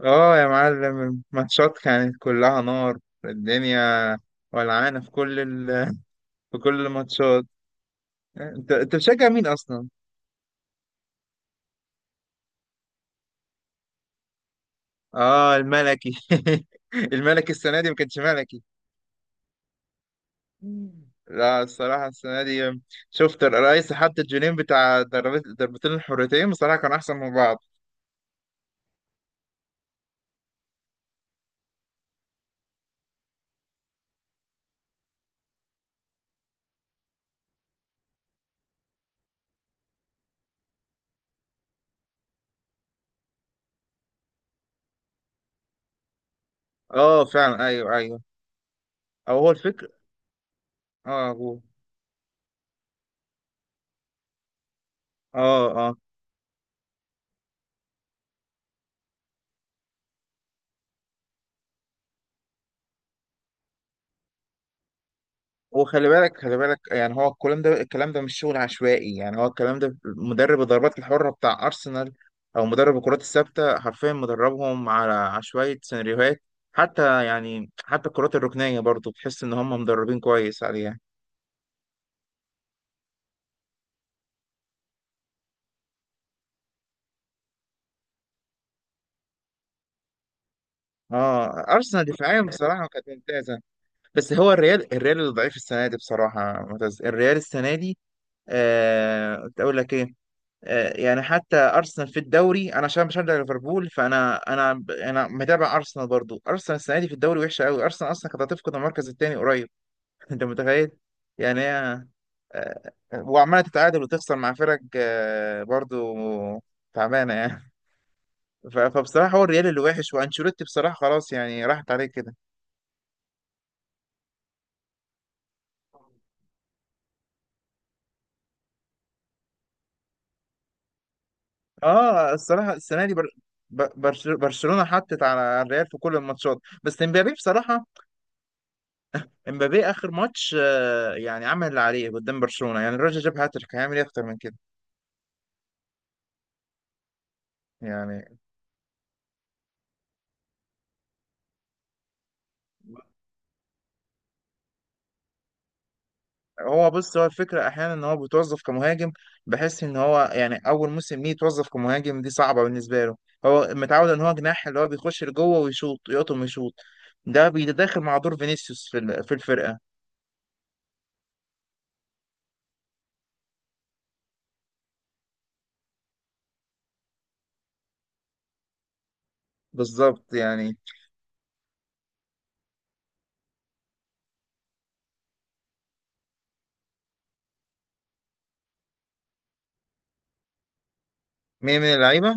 اه يا معلم، الماتشات كانت كلها نار. الدنيا ولعانة في كل في كل الماتشات. انت بتشجع مين اصلا؟ اه الملكي. الملكي السنة دي ما كانش ملكي. لا، الصراحة السنة دي شفت الرئيس حط الجونين بتاع ضربتين الحرتين، بصراحة كانوا أحسن من بعض. اه فعلا، أيوه، أيوه. أو هو الفكر. اه جول. اه، اه. وخلي بالك، خلي بالك، يعني هو الكلام ده الكلام ده مش شغل عشوائي، يعني هو الكلام ده مدرب الضربات الحرة بتاع أرسنال أو مدرب الكرات الثابتة، حرفيا مدربهم على عشوائية سيناريوهات. حتى يعني حتى الكرات الركنية برضو بتحس إن هم مدربين كويس عليها. اه أرسنال دفاعيا بصراحة كانت ممتازة، بس هو الريال الريال اللي ضعيف السنة دي بصراحة معتز. الريال السنة دي كنت أقول لك إيه. يعني حتى ارسنال في الدوري، انا عشان بشجع ليفربول فانا انا ب- انا متابع ارسنال برضو. ارسنال السنه دي في الدوري وحشه قوي، ارسنال اصلا كانت هتفقد المركز الثاني قريب. انت متخيل يعني هي وعماله تتعادل وتخسر مع فرق برضو تعبانه يعني. فبصراحه هو الريال اللي وحش، وانشيلوتي بصراحه خلاص يعني راحت عليه كده. اه الصراحه السنه دي برشلونه حطت على الريال في كل الماتشات. بس امبابي بصراحه، امبابي اخر ماتش يعني عمل اللي عليه قدام برشلونه، يعني الراجل جاب هاتريك، هيعمل ايه اكتر من كده؟ يعني هو بص، هو الفكره احيانا ان هو بيتوظف كمهاجم، بحس ان هو يعني اول موسم ليه يتوظف كمهاجم دي صعبه بالنسبه له. هو متعود ان هو جناح اللي هو بيخش لجوه ويشوط، يقطم ويشوط. ده بيتداخل مع دور فينيسيوس في الفرقه، بالظبط يعني. مين من اللعيبه؟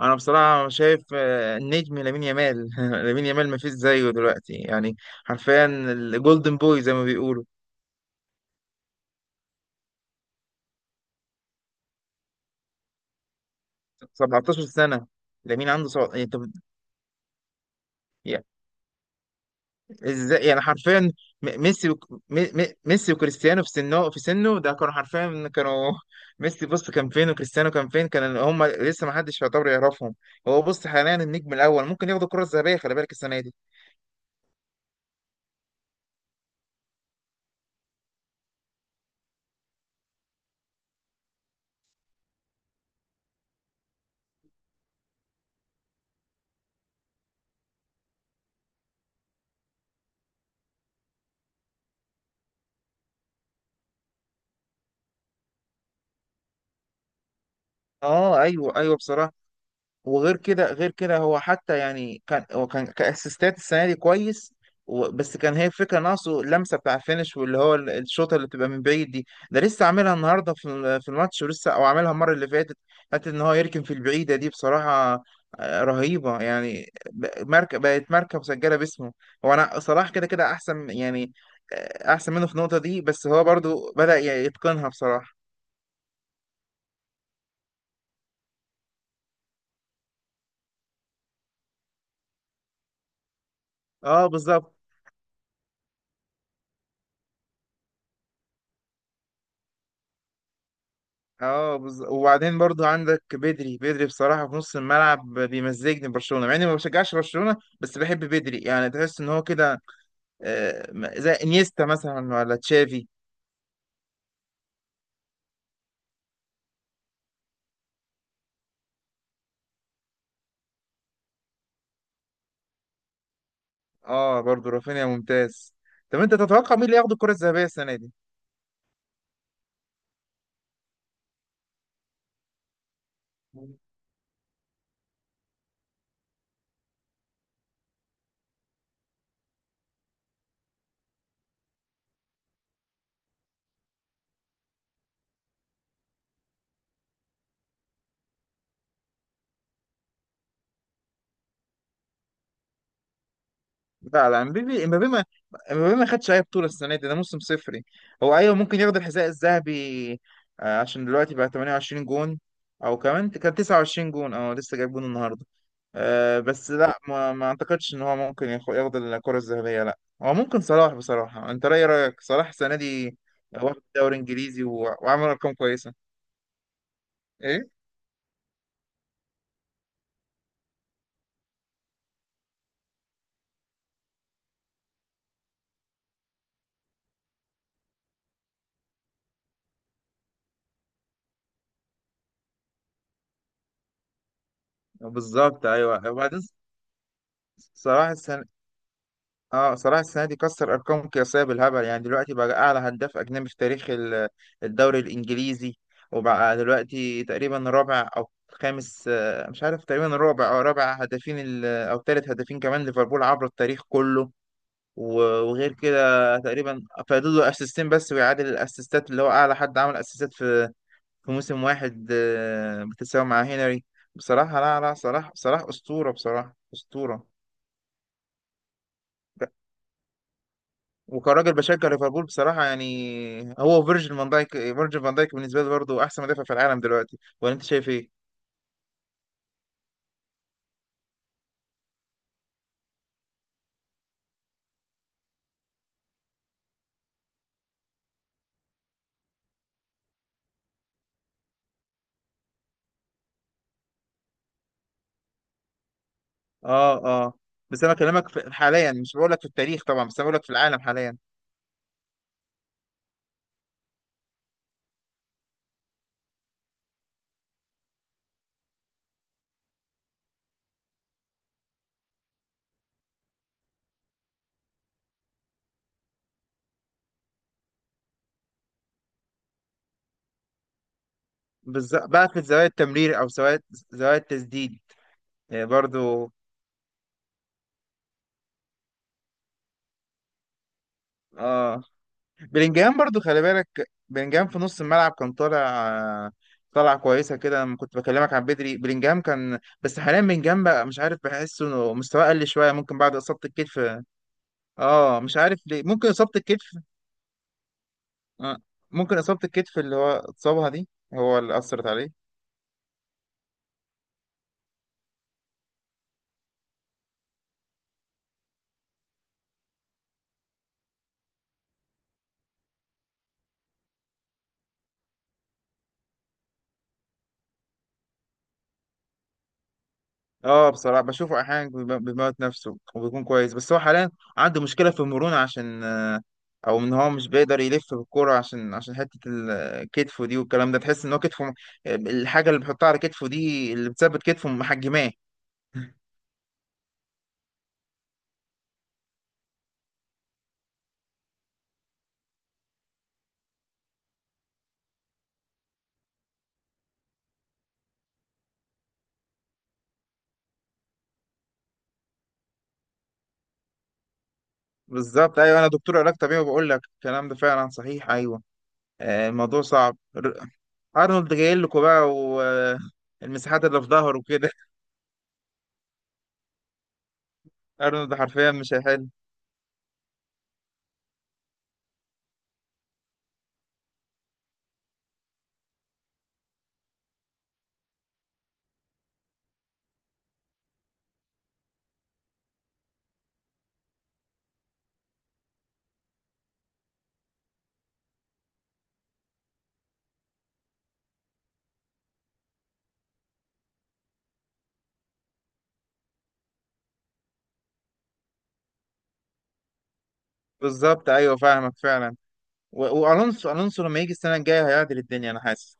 انا بصراحه شايف النجم لامين يامال. لامين يامال مفيش زيه دلوقتي يعني، حرفيا الجولدن بوي زي ما بيقولوا. 17 سنة. لامين عنده يعني طب، يعني ازاي يعني حرفيا م- ميسي وك... م... م- ميسي وكريستيانو في سنه ده كانوا حرفيا، كانوا ميسي بص كان فين، وكريستيانو كان فين، كان هم لسه ما حدش يعتبر يعرفهم. هو بص حاليا النجم الاول، ممكن ياخدوا الكرة الذهبية، خلي بالك السنة دي. اه ايوه، ايوه بصراحة. وغير كده، غير كده هو حتى يعني كان هو كان كاسيستات السنه دي كويس، بس كان هي الفكره ناقصه اللمسه بتاع الفينش، واللي هو الشوطه اللي بتبقى من بعيد دي. ده لسه عاملها النهارده في الماتش، ولسه او عاملها المره اللي فاتت. حتى ان هو يركن في البعيده دي بصراحه رهيبه يعني. ماركه، بقت ماركه مسجله باسمه. هو انا صلاح كده كده احسن يعني، احسن منه في النقطه دي، بس هو برضو بدأ يتقنها بصراحه. اه بالظبط. اه وبعدين برضو عندك بدري، بدري بصراحة في نص الملعب بيمزجني برشلونة مع اني ما بشجعش برشلونة، بس بحب بدري يعني، تحس ان هو كده زي انيستا مثلا ولا تشافي. اه برضو رافينيا ممتاز. طب انت تتوقع مين اللي ياخد الكرة الذهبية السنة دي؟ لا، لا، امبابي ما خدش اي بطوله السنه دي، ده موسم صفري. هو ايوه ممكن ياخد الحذاء الذهبي عشان دلوقتي بقى 28 جون، او كمان كان 29 جون، اه لسه جايب جون النهارده. بس لا، ما اعتقدش ان هو ممكن ياخد الكره الذهبيه، لا هو ممكن صلاح بصراحه. انت رايك صلاح السنه دي، واخد الدوري الانجليزي وعمل ارقام كويسه. ايه؟ بالظبط، ايوه. وبعدين صلاح السنه اه صلاح السنه دي كسر ارقام قياسيه بالهبل، يعني دلوقتي بقى اعلى هداف اجنبي في تاريخ الدوري الانجليزي. وبقى دلوقتي تقريبا رابع او خامس، مش عارف، تقريبا رابع او رابع هدافين او ثالث هدافين كمان ليفربول عبر التاريخ كله. و- وغير كده تقريبا فاضل له اسيستين بس، ويعادل الاسيستات اللي هو اعلى حد عمل اسيستات في موسم واحد، بتساوي مع هنري. بصراحه لا، لا، صلاح، صلاح اسطوره بصراحه، اسطوره. وكراجل بشجع ليفربول بصراحة، يعني هو فيرجيل فان دايك، فيرجيل فان دايك بالنسبة لي برضه أحسن مدافع في العالم دلوقتي، ولا أنت شايف إيه؟ آه، آه. بس أنا بكلمك حاليا، مش بقول لك في التاريخ طبعا، بس أنا بقول لك في العالم حاليا. بالظبط، بقى في زوايا التمرير أو زوايا التسديد برضه. آه. بلينجهام برضه، خلي بالك بلينجهام في نص الملعب كان آه، طالع كويسة كده، لما كنت بكلمك عن بدري، بلينجهام كان. بس حاليا بلينجهام بقى مش عارف، بحسه إنه مستواه قل شوية، ممكن بعد إصابة الكتف. اه مش عارف ليه، ممكن اصابة الكتف. آه. ممكن اصابة الكتف اللي هو اتصابها دي، هو اللي اثرت عليه. اه بصراحة بشوفه احيانا بيموت نفسه وبيكون كويس، بس هو حاليا عنده مشكلة في المرونة عشان او ان هو مش بيقدر يلف بالكرة، عشان حتة كتفه دي والكلام ده. تحس ان هو كتفه، الحاجة اللي بيحطها على كتفه دي اللي بتثبت كتفه محجماه. بالظبط ايوه، انا دكتور علاج طبيعي وبقول لك الكلام ده فعلا صحيح، ايوه. الموضوع صعب. ارنولد جاي لكم بقى، والمساحات اللي في ظهره وكده. ارنولد حرفيا مش هيحل. بالظبط ايوه، فاهمك فعلا. والونسو لما يجي السنه الجايه هيعدل الدنيا، انا حاسس.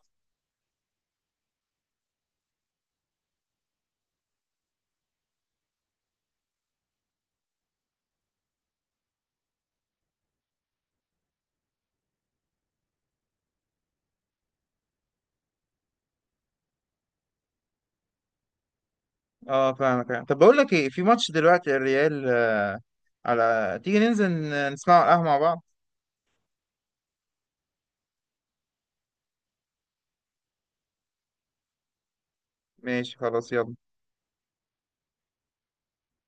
اه فاهمك يعني. طب بقول لك ايه، في ماتش دلوقتي الريال على، تيجي ننزل نسمعه على القهوه مع بعض؟ ماشي خلاص، يلا.